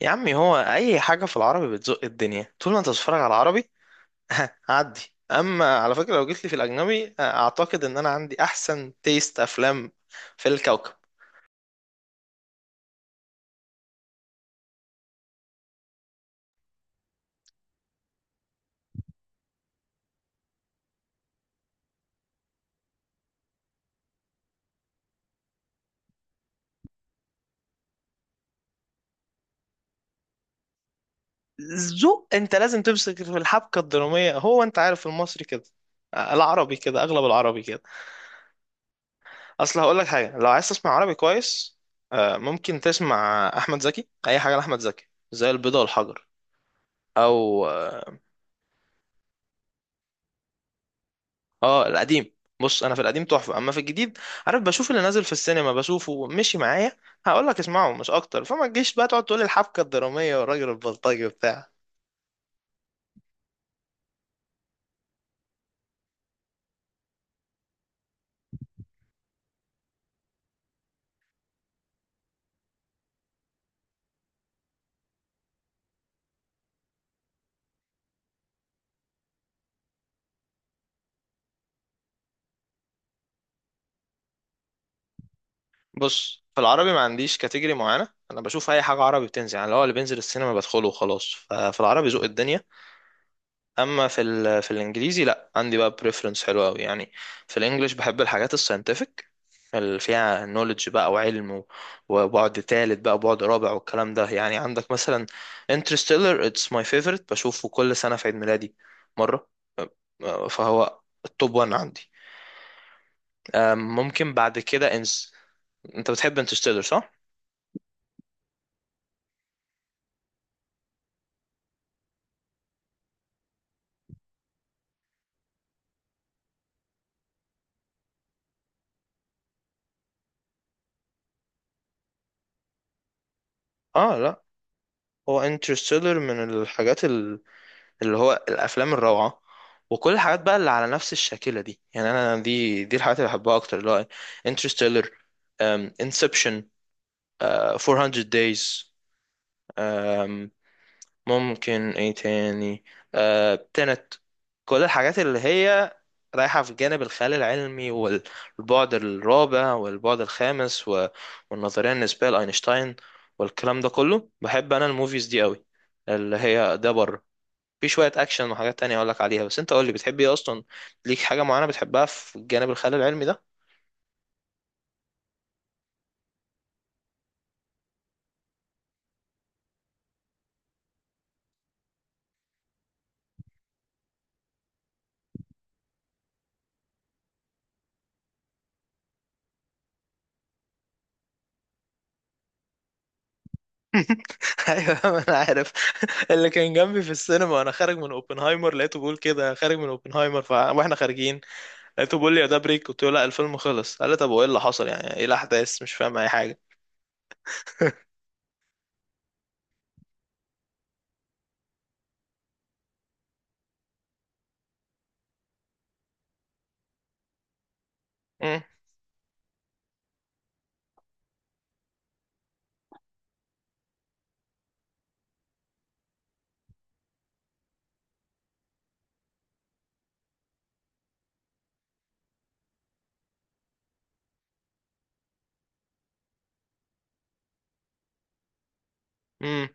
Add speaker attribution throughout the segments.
Speaker 1: يا عمي هو اي حاجه في العربي بتزق الدنيا طول ما انت بتتفرج على العربي. هعدي. اما على فكره، لو جيت لي في الاجنبي، اعتقد ان انا عندي احسن تيست افلام في الكوكب. ذوق، انت لازم تمسك في الحبكه الدراميه، هو انت عارف المصري كده، العربي كده، اغلب العربي كده. اصل هقول لك حاجه، لو عايز تسمع عربي كويس، ممكن تسمع احمد زكي، اي حاجه لاحمد زكي زي البيضه والحجر، او اه، القديم. بص، انا في القديم تحفه، اما في الجديد، عارف، بشوف اللي نازل في السينما بشوفه مشي معايا. هقول لك اسمعه مش اكتر، فما تجيش بقى تقعد تقول لي الحبكه الدراميه والراجل البلطجي وبتاع. بص، في العربي ما عنديش كاتيجوري معينه، انا بشوف اي حاجه عربي بتنزل، يعني اللي هو اللي بينزل السينما بدخله وخلاص، ففي العربي ذوق الدنيا. اما في الانجليزي لا، عندي بقى بريفرنس حلو قوي يعني. في الانجليش بحب الحاجات الساينتفك اللي فيها نوليدج بقى وعلم وبعد تالت بقى وبعد رابع والكلام ده، يعني عندك مثلا انترستيلر. اتس ماي فيفورت، بشوفه كل سنة في عيد ميلادي مرة. فهو التوب 1 عندي. ممكن بعد كده انس. انت بتحب انترستيلر صح؟ اه لا، هو انترستيلر من الحاجات اللي هو الافلام الروعه، وكل الحاجات بقى اللي على نفس الشاكله دي، يعني انا دي الحاجات اللي بحبها اكتر، اللي هو انترستيلر، انسبشن، 400 دايز، ممكن ايه تاني، تنت، كل الحاجات اللي هي رايحة في جانب الخيال العلمي والبعد الرابع والبعد الخامس والنظرية النسبية لأينشتاين والكلام ده كله. بحب أنا الموفيز دي قوي، اللي هي ده بره. في شوية أكشن وحاجات تانية أقولك عليها، بس أنت قولي بتحب إيه أصلا، ليك حاجة معينة بتحبها في الجانب الخيال العلمي ده؟ ايوه، ما انا عارف. اللي كان جنبي في السينما وانا خارج من اوبنهايمر، لقيته بيقول كده خارج من اوبنهايمر واحنا خارجين، لقيته بيقول لي يا ده بريك، قلت له لا الفيلم خلص، قال لي طب وايه اللي حصل، يعني ايه الاحداث، مش فاهم اي حاجه. امم. امم.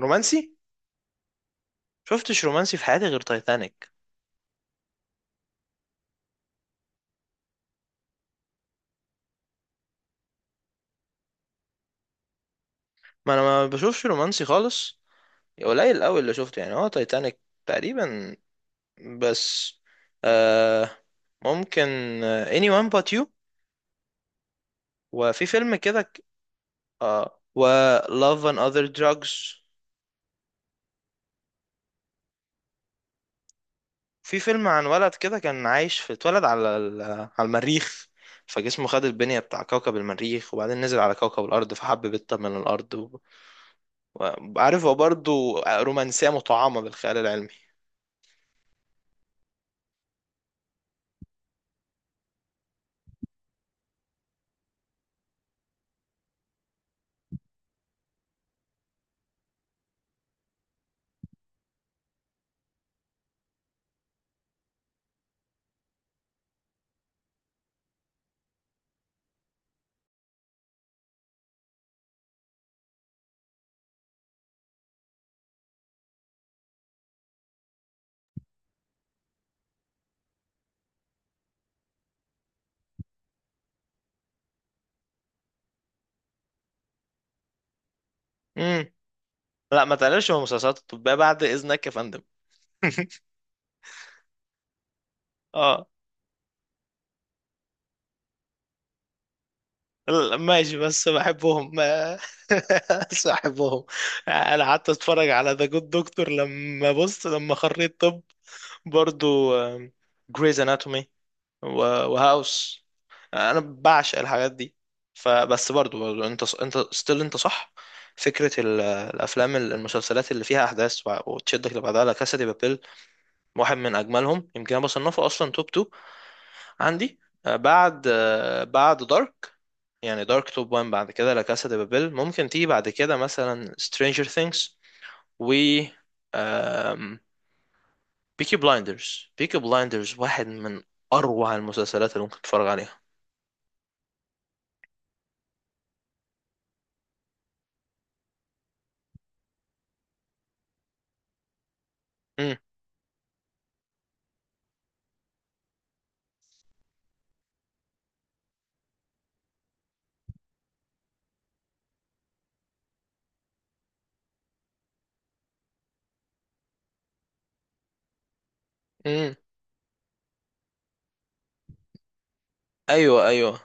Speaker 1: رومانسي؟ شفتش رومانسي في حياتي غير تايتانيك. ما انا ما بشوفش رومانسي خالص، قليل قوي اللي شفته، يعني هو تايتانيك تقريبا بس. آه، ممكن، anyone but you، وفي فيلم كده اه، و love and other drugs. في فيلم عن ولد كده كان عايش في اتولد على المريخ، فجسمه خد البنية بتاع كوكب المريخ، وبعدين نزل على كوكب الأرض فحب بنت من الأرض وعارف، هو برضه رومانسية مطعمة بالخيال العلمي. امم. لا ما تقللش من المسلسلات الطبية بعد إذنك يا فندم. اه. لا، ماشي، بس بحبهم بس بحبهم. انا قعدت اتفرج على ذا جود دكتور لما بص لما خريت طب، برضو جريز اناتومي وهاوس، انا بعشق الحاجات دي. فبس برضو، انت ستيل، انت صح، فكرة الافلام المسلسلات اللي فيها احداث وتشدك لبعضها لا كاسا دي بابيل، واحد من اجملهم، يمكن انا بصنفه اصلا توب 2 عندي. بعد بعد دارك، يعني دارك توب 1، بعد كده لا كاسا دي بابيل، ممكن تيجي بعد كده مثلا سترينجر ثينجز و آم... بيكي بلايندرز، بيكي بلايندرز واحد من اروع المسلسلات اللي ممكن تتفرج عليها. امم. امم. ايوه، ايوه.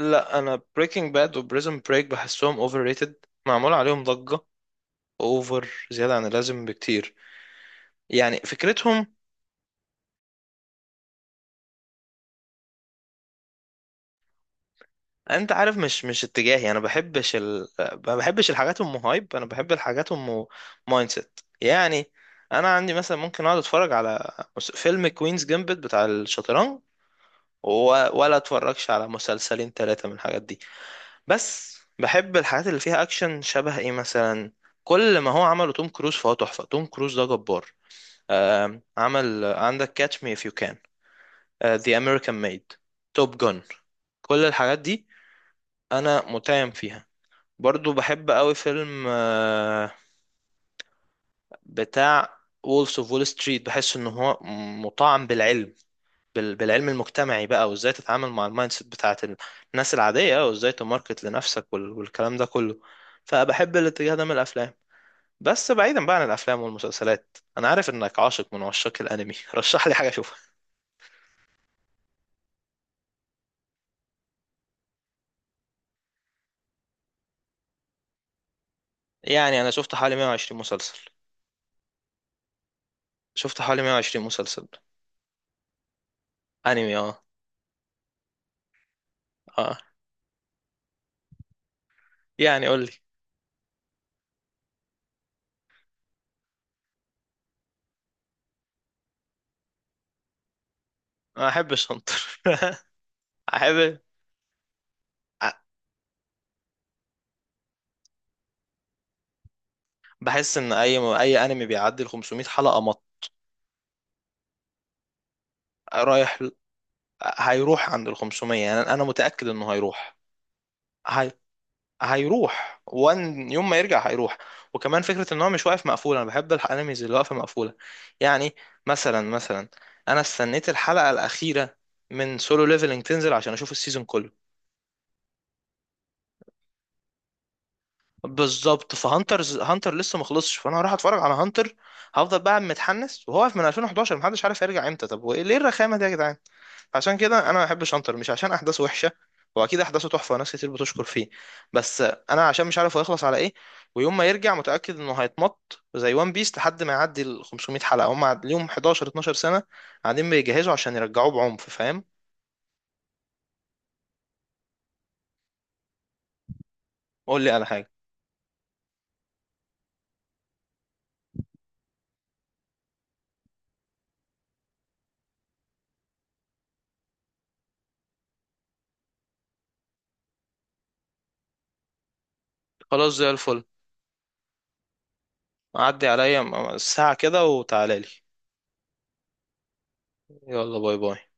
Speaker 1: لا، انا بريكنج باد وبريزن بريك بحسهم اوفر ريتد، معمول عليهم ضجة اوفر زيادة عن اللازم بكتير، يعني فكرتهم، انت عارف مش اتجاهي، انا بحبش ال... ما بحبش الحاجات ام هايب، انا بحب الحاجات ام مايند سيت يعني. انا عندي مثلا ممكن اقعد اتفرج على فيلم كوينز جامبت بتاع الشطرنج و... ولا اتفرجش على مسلسلين ثلاثة من الحاجات دي. بس بحب الحاجات اللي فيها اكشن، شبه ايه مثلا، كل ما هو عمله توم كروز فهو تحفة، توم كروز ده جبار. عمل، عندك كاتش مي اف يو كان، ذا امريكان ميد، توب جون، كل الحاجات دي انا متيم فيها. برضو بحب قوي فيلم بتاع وولفز اوف وول ستريت، بحس ان هو مطعم بالعلم، بالعلم المجتمعي بقى، وازاي تتعامل مع المايند سيت بتاعت الناس العادية، وازاي تماركت لنفسك والكلام ده كله. فبحب الاتجاه ده من الافلام. بس بعيدا بقى عن الافلام والمسلسلات، انا عارف انك عاشق من عشاق الانمي. رشح لي حاجة اشوفها. يعني انا شفت حوالي 120 مسلسل. شفت حوالي 120 مسلسل انمي. اه، اه، يعني قول لي. ما احبش انطر. احب. بحس ان اي انمي بيعدي ال 500 حلقه رايح، هيروح عند ال 500، يعني انا متاكد انه هيروح. هي... هيروح، وان يوم ما يرجع هيروح. وكمان فكره ان هو مش واقف مقفول، انا بحب الانميز اللي واقفه مقفوله. يعني مثلا انا استنيت الحلقه الاخيره من سولو ليفلنج تنزل عشان اشوف السيزون كله. بالظبط، فهانترز هانتر لسه مخلصش، فانا هروح اتفرج على هانتر، هفضل بقى متحنس وهو واقف من 2011، محدش عارف يرجع امتى، طب وايه ليه الرخامه دي يا جدعان. عشان كده انا ما بحبش انتر، مش عشان احداثه وحشه، واكيد احداثه تحفه وناس كتير بتشكر فيه، بس انا عشان مش عارف هو هيخلص على ايه، ويوم ما يرجع متاكد انه هيتمط زي وان بيس لحد ما يعدي ال 500 حلقه، هم ليهم 11 12 سنه قاعدين بيجهزوا عشان يرجعوه بعنف، فاهم. قول لي على حاجه. خلاص زي الفل. عدي عليا ساعه كده وتعالى لي. يلا باي باي.